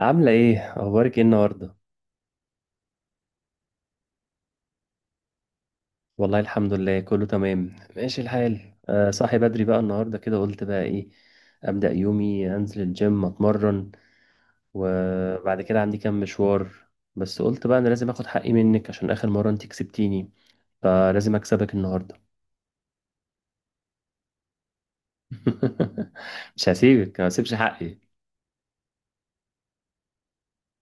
عاملة ايه؟ اخبارك ايه النهاردة؟ والله الحمد لله، كله تمام، ماشي الحال. صاحي بدري بقى النهاردة كده، قلت بقى ايه ابدأ يومي، انزل الجيم اتمرن، وبعد كده عندي كام مشوار. بس قلت بقى انا لازم اخد حقي منك، عشان اخر مرة انت كسبتيني، فلازم اكسبك النهاردة. مش هسيبك، ما هسيبش حقي.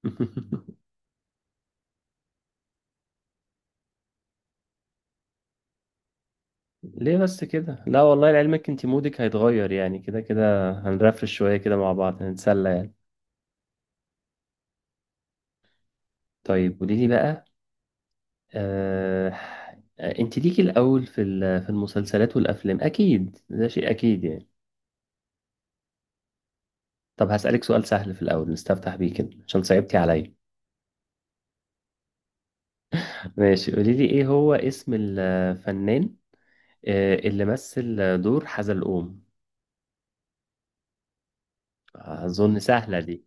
ليه بس كده؟ لا والله، لعلمك انت مودك هيتغير يعني، كده كده هنرفرش شوية كده مع بعض، هنتسلى يعني. طيب، قولي لي بقى. آه... انت ليكي الاول في المسلسلات والافلام، اكيد ده شيء اكيد يعني. طب هسألك سؤال سهل في الاول نستفتح بيه كده، عشان صعبتي عليا. ماشي، قولي لي ايه هو اسم الفنان اللي مثل دور حزلقوم؟ اظن سهلة دي.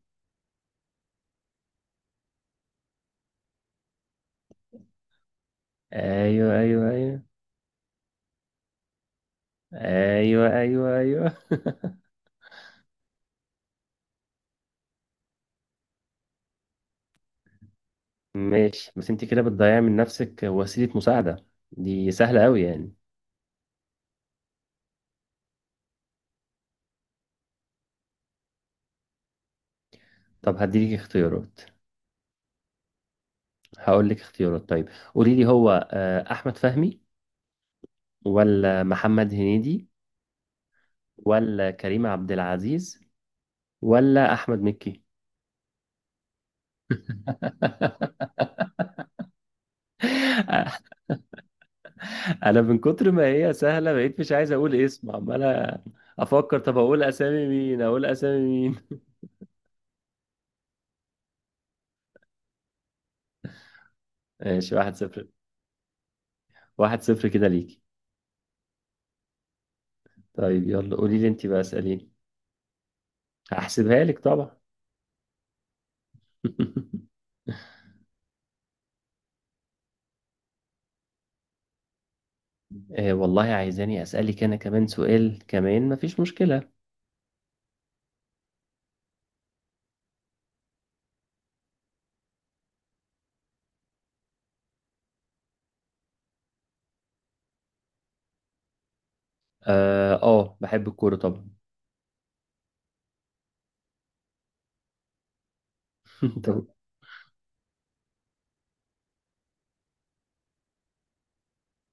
ايوه، ايوه، ايوه، ايوه، ايوه، ايوه. ماشي، بس انت كده بتضيعي من نفسك وسيلة مساعدة، دي سهلة قوي يعني. طب هديلك اختيارات، هقول لك اختيارات. طيب، قولي لي هو احمد فهمي، ولا محمد هنيدي، ولا كريم عبد العزيز، ولا احمد مكي؟ انا من كتر ما هي سهله بقيت مش عايز اقول اسم، عمال افكر، طب اقول اسامي مين اقول اسامي مين. ماشي، 1-0. 1-0 كده ليكي. طيب يلا قولي لي انت بقى، اساليني. هحسبها لك طبعا. آه والله، عايزاني اسالك انا كمان سؤال، كمان مفيش مشكله. اه، بحب الكورة طبعا. طب،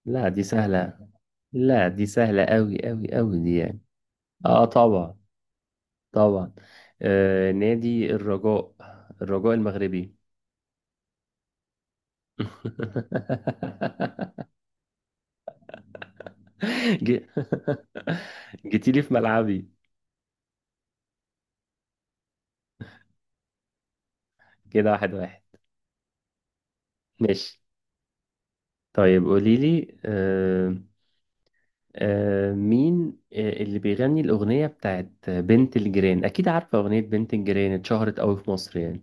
لا دي سهلة، لا دي سهلة أوي أوي أوي، دي يعني. اه طبعا، طبعا، نادي الرجاء، الرجاء المغربي. جي- جيتيلي في ملعبي. كده 1-1. ماشي، طيب قوليلي. مين اللي بيغني الأغنية بتاعت بنت الجيران؟ أكيد عارفة، أغنية بنت الجيران اتشهرت أوي في مصر يعني.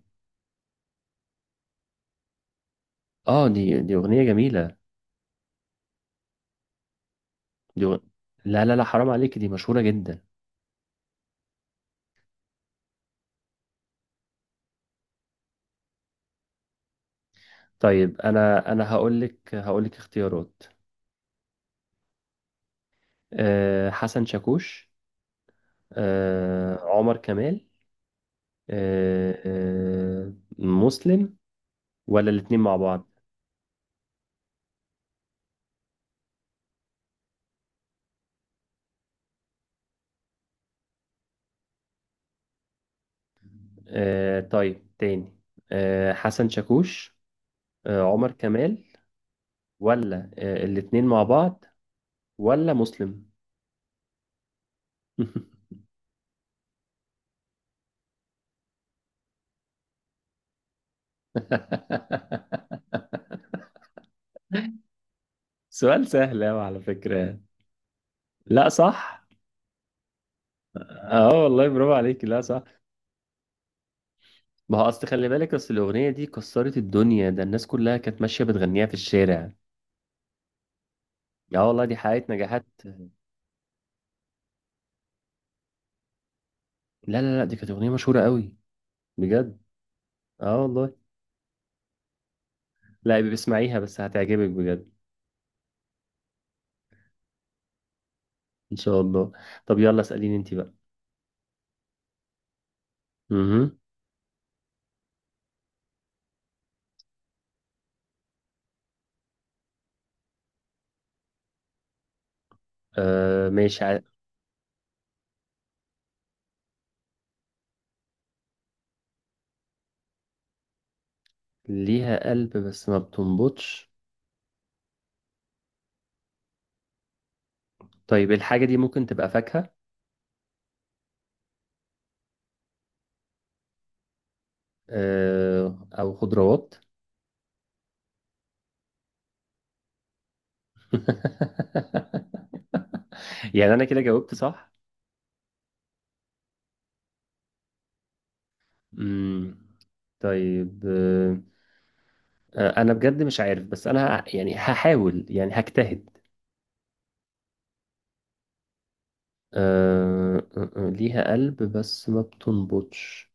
اه، دي أغنية جميلة. دي غ- لا، لا، لا، حرام عليك، دي مشهورة جدا. طيب، انا هقول لك اختيارات. حسن شاكوش، عمر كمال، أه أه مسلم، ولا الاتنين مع بعض؟ طيب، تاني: حسن شاكوش، عمر كمال، ولا الاتنين مع بعض، ولا مسلم؟ سؤال سهل أوي على فكرة. لا صح. اه والله، برافو عليك، لا صح. ما هو اصل، خلي بالك، اصل الاغنيه دي كسرت الدنيا، ده الناس كلها كانت ماشيه بتغنيها في الشارع. يا والله، دي حققت نجاحات. لا، لا، لا، دي كانت اغنيه مشهوره قوي، بجد. اه والله. لا بسمعيها بس هتعجبك بجد. ان شاء الله. طب يلا اساليني انت بقى. امم آه ماشي، ليها قلب بس ما بتنبضش؟ طيب الحاجه دي ممكن تبقى فاكهه، او خضروات. يعني انا كده جاوبت صح. امم طيب. انا بجد مش عارف، بس انا يعني هحاول، يعني هجتهد. أه أه، أه، ليها قلب بس ما بتنبضش.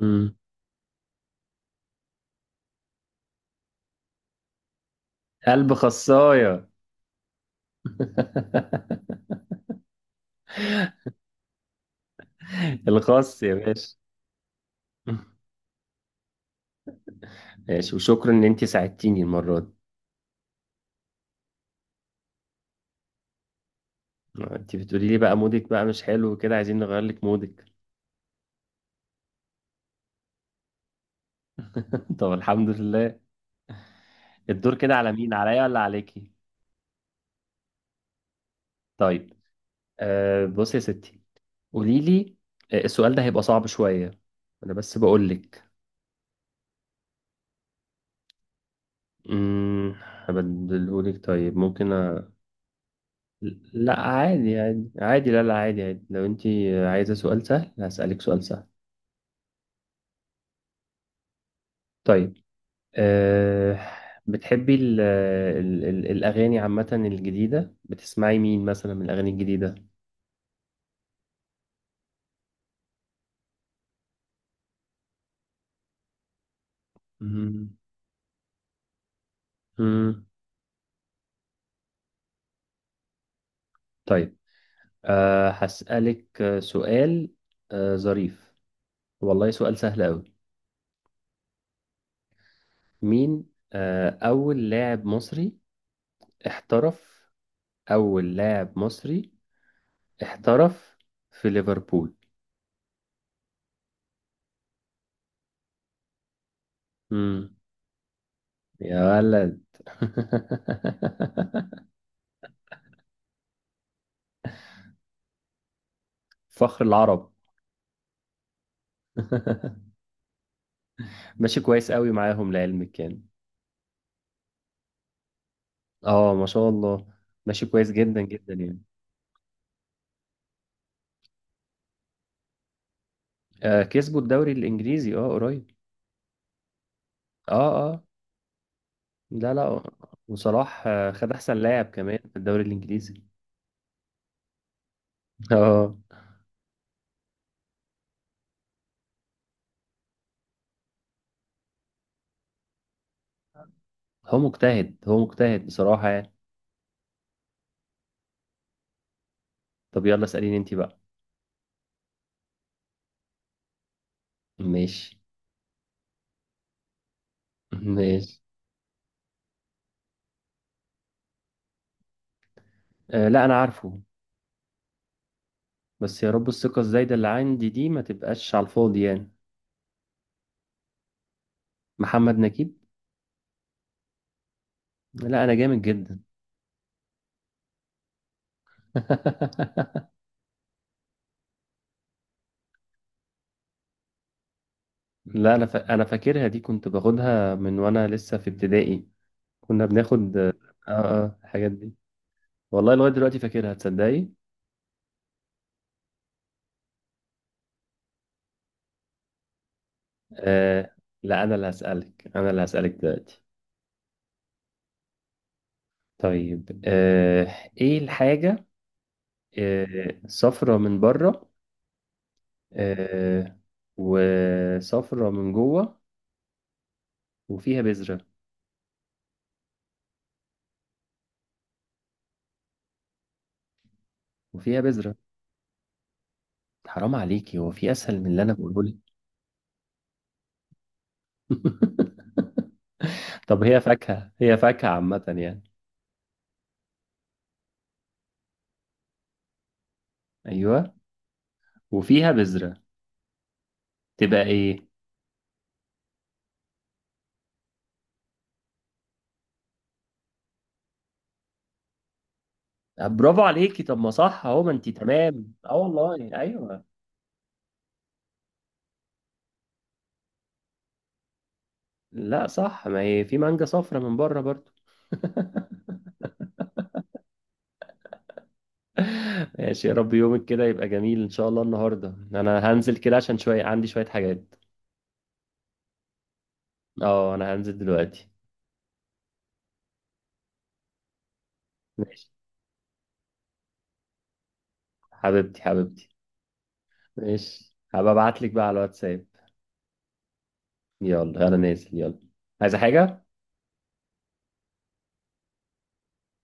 مم. قلب خصاية. الخاص يا باشا. ماشي، وشكرا ان انت ساعدتيني المرة دي. انت بتقولي لي بقى مودك بقى مش حلو وكده، عايزين نغير لك مودك. طب الحمد لله. الدور كده على مين، عليا ولا عليكي؟ طيب. بصي يا ستي، قولي لي. السؤال ده هيبقى صعب شوية. انا بس بقول لك. هبدلهولك طيب، ممكن لا عادي عادي عادي، لا لا عادي عادي، لو انت عايزة سؤال سهل هسألك سؤال سهل. طيب. أه... بتحبي الأغاني عامة الجديدة، بتسمعي مين مثلا من الأغاني الجديدة؟ امم امم طيب. هسألك سؤال ظريف. والله سؤال سهل أوي. مين أول لاعب مصري احترف، أول لاعب مصري احترف في ليفربول؟ امم. يا ولد. فخر العرب. ماشي، كويس قوي معاهم لعلمك يعني. اه ما شاء الله. ماشي كويس جدا جدا يعني. آه، كسبوا الدوري الانجليزي، اه، قريب. اه اه. لا لا. وصلاح خد احسن لاعب كمان في الدوري الانجليزي. اه. هو مجتهد، هو مجتهد بصراحة يعني. طب يلا اسأليني انت بقى. ماشي، ماشي. آه، لا انا عارفه، بس يا رب الثقة الزايدة اللي عندي دي ما تبقاش على الفاضي يعني. محمد نجيب. لا أنا جامد جدا. لا أنا فاكرها دي، كنت باخدها من وأنا لسه في ابتدائي. كنا بناخد الحاجات دي. والله لغاية دلوقتي فاكرها، تصدقي. آه، لا، أنا اللي هسألك، أنا اللي هسألك دلوقتي. طيب. إيه الحاجة صفرة من بره، آه وصفرة من جوه، وفيها بذرة، وفيها بذرة؟ حرام عليكي، هو في اسهل من اللي انا بقوله لك؟ طب، هي فاكهه، هي فاكهه عامه يعني. ايوه، وفيها بذره، تبقى ايه؟ برافو عليكي، طب ما صح اهو، ما انت تمام، اه والله ايوه. لا صح، ما هي في مانجا صفرا من بره برضو. ماشي، يا رب يومك كده يبقى جميل ان شاء الله. النهارده انا هنزل كده عشان شويه، عندي شويه حاجات. اه انا هنزل دلوقتي. ماشي، حبيبتي، حبيبتي. ماشي، هبقى ابعت لك بقى على الواتساب. يلا انا نازل. يلا، عايزه حاجه؟